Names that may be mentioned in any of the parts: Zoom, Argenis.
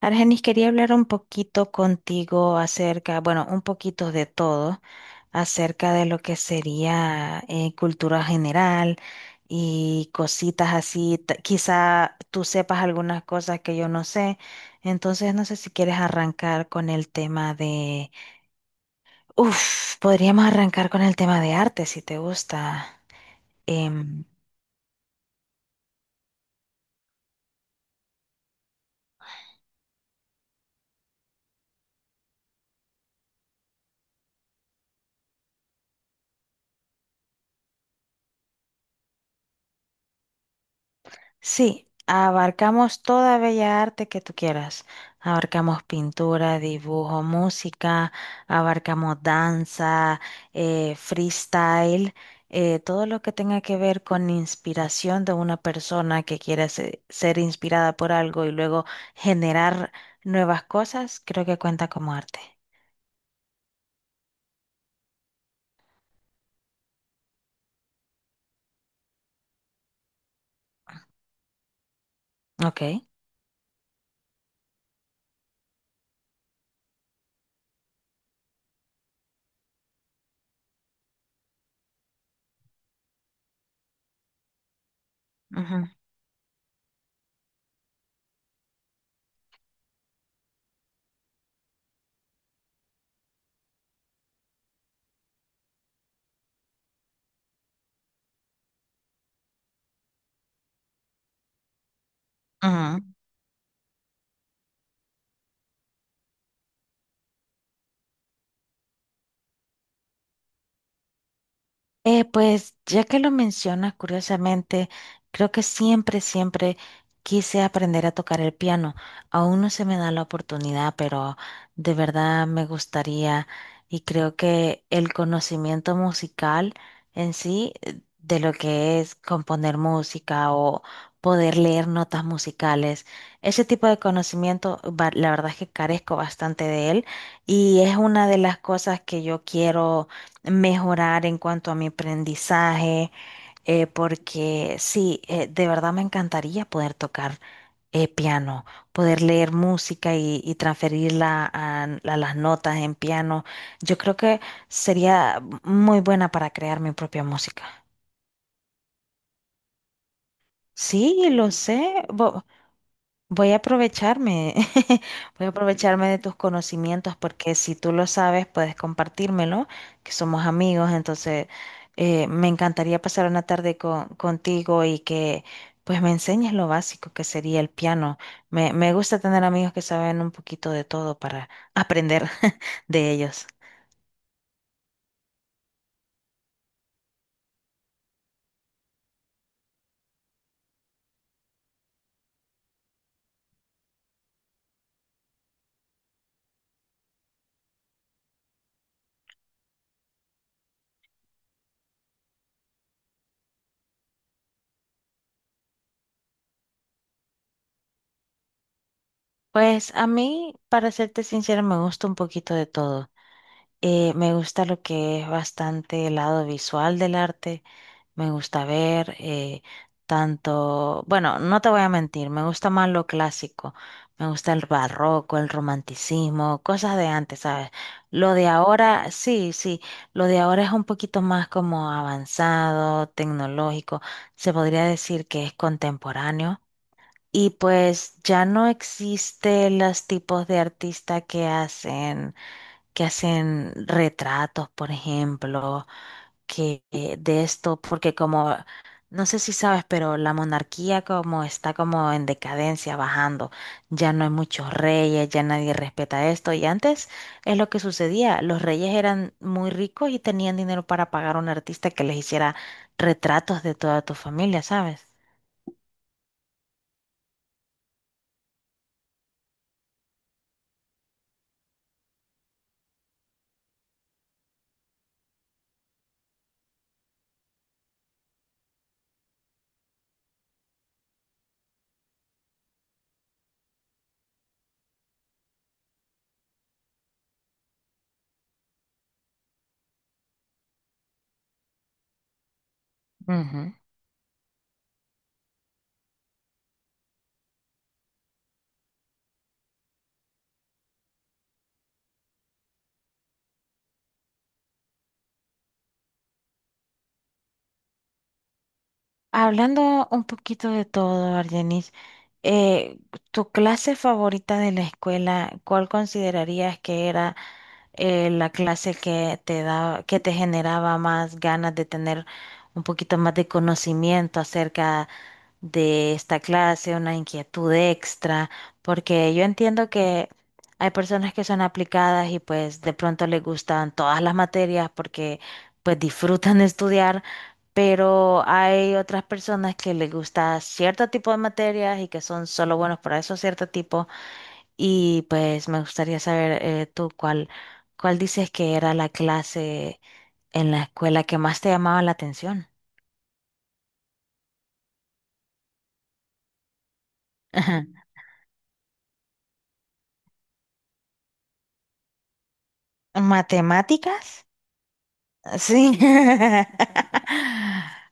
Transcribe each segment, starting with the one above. Argenis, quería hablar un poquito contigo acerca, bueno, un poquito de todo, acerca de lo que sería cultura general y cositas así. Quizá tú sepas algunas cosas que yo no sé. Entonces, no sé si quieres arrancar con el tema de... Uf, podríamos arrancar con el tema de arte, si te gusta. Em, Sí, abarcamos toda bella arte que tú quieras. Abarcamos pintura, dibujo, música, abarcamos danza, freestyle, todo lo que tenga que ver con inspiración de una persona que quiera ser inspirada por algo y luego generar nuevas cosas, creo que cuenta como arte. Ok. Ujú, ujú. Pues ya que lo mencionas, curiosamente, creo que siempre quise aprender a tocar el piano. Aún no se me da la oportunidad, pero de verdad me gustaría y creo que el conocimiento musical en sí, de lo que es componer música o poder leer notas musicales, ese tipo de conocimiento, la verdad es que carezco bastante de él y es una de las cosas que yo quiero mejorar en cuanto a mi aprendizaje, porque sí, de verdad me encantaría poder tocar piano, poder leer música y transferirla a las notas en piano. Yo creo que sería muy buena para crear mi propia música. Sí, lo sé. Voy a aprovecharme, voy a aprovecharme de tus conocimientos porque si tú lo sabes, puedes compartírmelo, que somos amigos, entonces me encantaría pasar una tarde contigo y que pues me enseñes lo básico que sería el piano. Me gusta tener amigos que saben un poquito de todo para aprender de ellos. Pues a mí, para serte sincera, me gusta un poquito de todo. Me gusta lo que es bastante el lado visual del arte. Me gusta ver tanto, bueno, no te voy a mentir, me gusta más lo clásico, me gusta el barroco, el romanticismo, cosas de antes, ¿sabes? Lo de ahora, sí, sí, lo de ahora es un poquito más como avanzado, tecnológico, se podría decir que es contemporáneo. Y pues ya no existen los tipos de artistas que hacen retratos, por ejemplo que de esto, porque como, no sé si sabes, pero la monarquía como está como en decadencia, bajando, ya no hay muchos reyes, ya nadie respeta esto, y antes es lo que sucedía, los reyes eran muy ricos y tenían dinero para pagar a un artista que les hiciera retratos de toda tu familia, ¿sabes? Ujú. Hablando un poquito de todo, Argenis, eh, ¿tu clase favorita de la escuela, cuál considerarías que era? La clase que te da, que te generaba más ganas de tener un poquito más de conocimiento acerca de esta clase, una inquietud extra, porque yo entiendo que hay personas que son aplicadas y pues de pronto les gustan todas las materias porque pues disfrutan de estudiar. Pero hay otras personas que les gusta cierto tipo de materias y que son solo buenos para esos cierto tipo. Y pues me gustaría saber tú cuál, cuál dices que era la clase en la escuela que más te llamaba la atención. Ajá. ¿Matemáticas? Sí.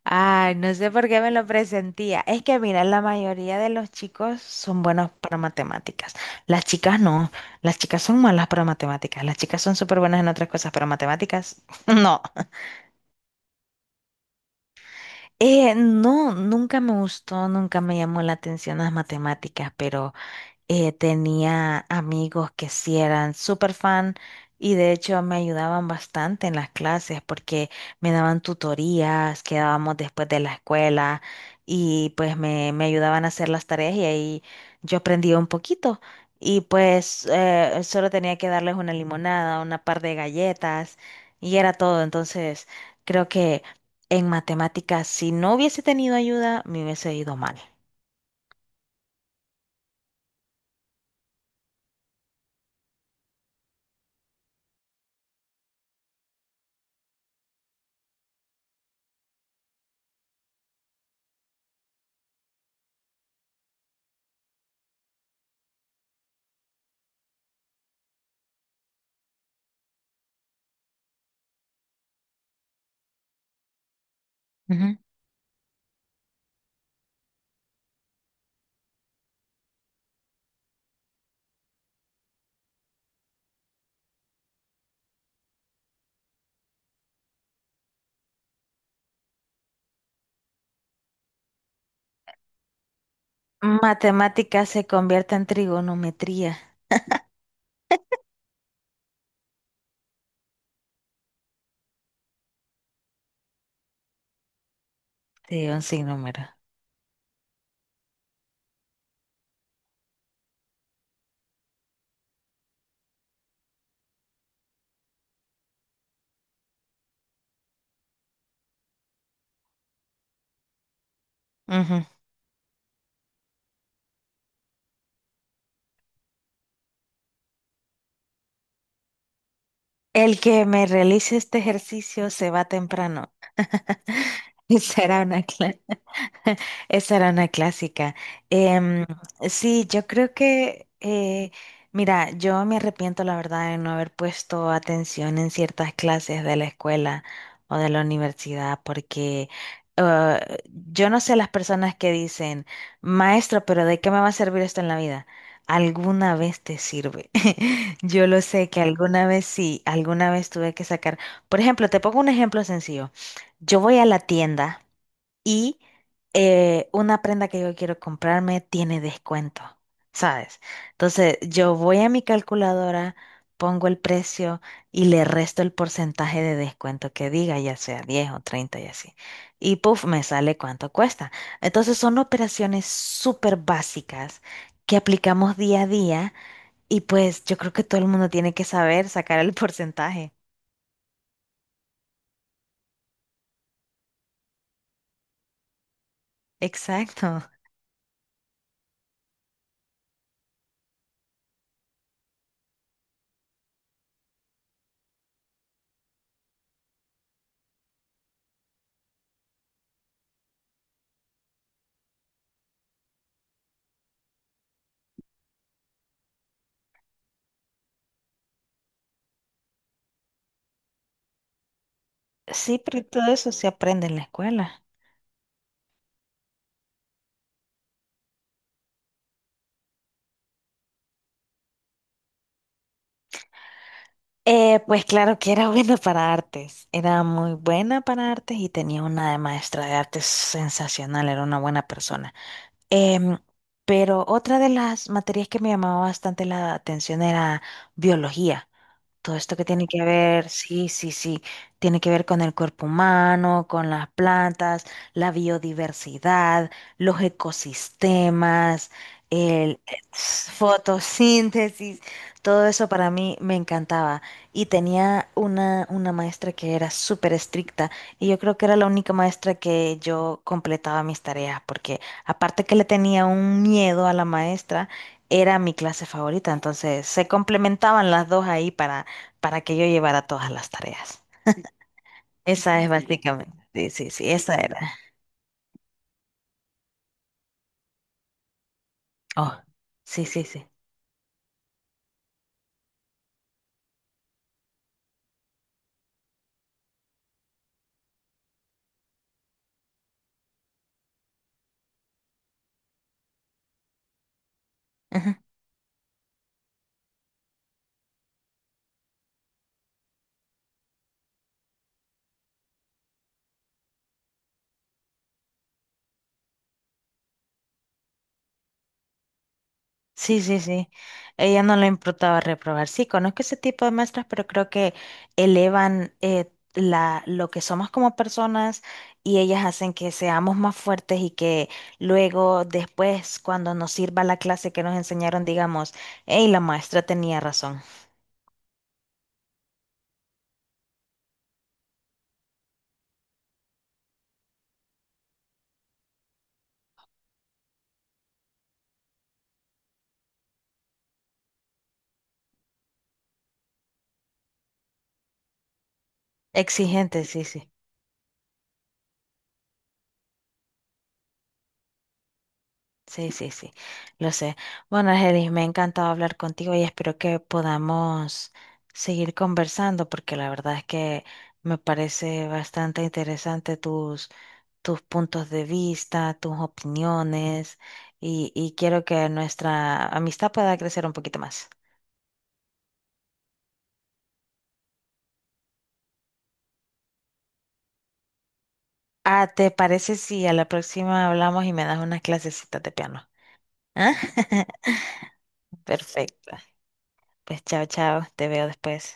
Ay, no sé por qué me lo presentía. Es que mira, la mayoría de los chicos son buenos para matemáticas. Las chicas no. Las chicas son malas para matemáticas. Las chicas son súper buenas en otras cosas, pero matemáticas no. No, nunca me gustó, nunca me llamó la atención las matemáticas, pero tenía amigos que sí eran súper fan y de hecho me ayudaban bastante en las clases porque me daban tutorías, quedábamos después de la escuela y pues me ayudaban a hacer las tareas y ahí yo aprendía un poquito. Y pues solo tenía que darles una limonada, una par de galletas y era todo. Entonces creo que en matemáticas, si no hubiese tenido ayuda, me hubiese ido mal. Matemática se convierte en trigonometría de un sinnúmero. Ujú. El que me realice este ejercicio se va temprano. Será una clase. Esa era una clásica. Em, sí, yo creo que, mira, yo me arrepiento, la verdad, de no haber puesto atención en ciertas clases de la escuela o de la universidad, porque eh, yo no sé las personas que dicen, maestro, pero ¿de qué me va a servir esto en la vida? Alguna vez te sirve. Yo lo sé que alguna vez sí, alguna vez tuve que sacar. Por ejemplo, te pongo un ejemplo sencillo. Yo voy a la tienda. Y una prenda que yo quiero comprarme tiene descuento, ¿sabes? Entonces yo voy a mi calculadora, pongo el precio y le resto el porcentaje de descuento que diga, ya sea 10 o 30 y así. Y puff, me sale cuánto cuesta. Entonces son operaciones súper básicas que aplicamos día a día y pues yo creo que todo el mundo tiene que saber sacar el porcentaje. Exacto. Sí, pero todo eso se aprende en la escuela. Pues claro que era buena para artes, era muy buena para artes y tenía una de maestra de artes sensacional, era una buena persona. Em, pero otra de las materias que me llamaba bastante la atención era biología. Todo esto que tiene que ver, sí, sí, sí, tiene que ver con el cuerpo humano, con las plantas, la biodiversidad, los ecosistemas, el fotosíntesis, todo eso para mí me encantaba. Y tenía una maestra que era súper estricta y yo creo que era la única maestra que yo completaba mis tareas, porque aparte que le tenía un miedo a la maestra, era mi clase favorita, entonces se complementaban las dos ahí para que yo llevara todas las tareas. Esa es. Sí, básicamente, sí, sí, sí, esa era. Oh, sí, sí, sí. Ajá. Sí, sí, sí. Ella no le importaba reprobar. Sí, conozco ese tipo de maestras, pero creo que elevan la, lo que somos como personas y ellas hacen que seamos más fuertes y que luego, después, cuando nos sirva la clase que nos enseñaron, digamos, hey, la maestra tenía razón. Exigente, sí, sí. Sí, sí, sí, lo sé. Bueno, Argenis, me ha encantado hablar contigo y espero que podamos seguir conversando porque la verdad es que me parece bastante interesante tus, tus puntos de vista, tus opiniones y quiero que nuestra amistad pueda crecer un poquito más. Ah, ¿te parece si a la próxima hablamos y me das unas clasecitas de piano? ¿Ah? Perfecto. Pues chao, chao, te veo después.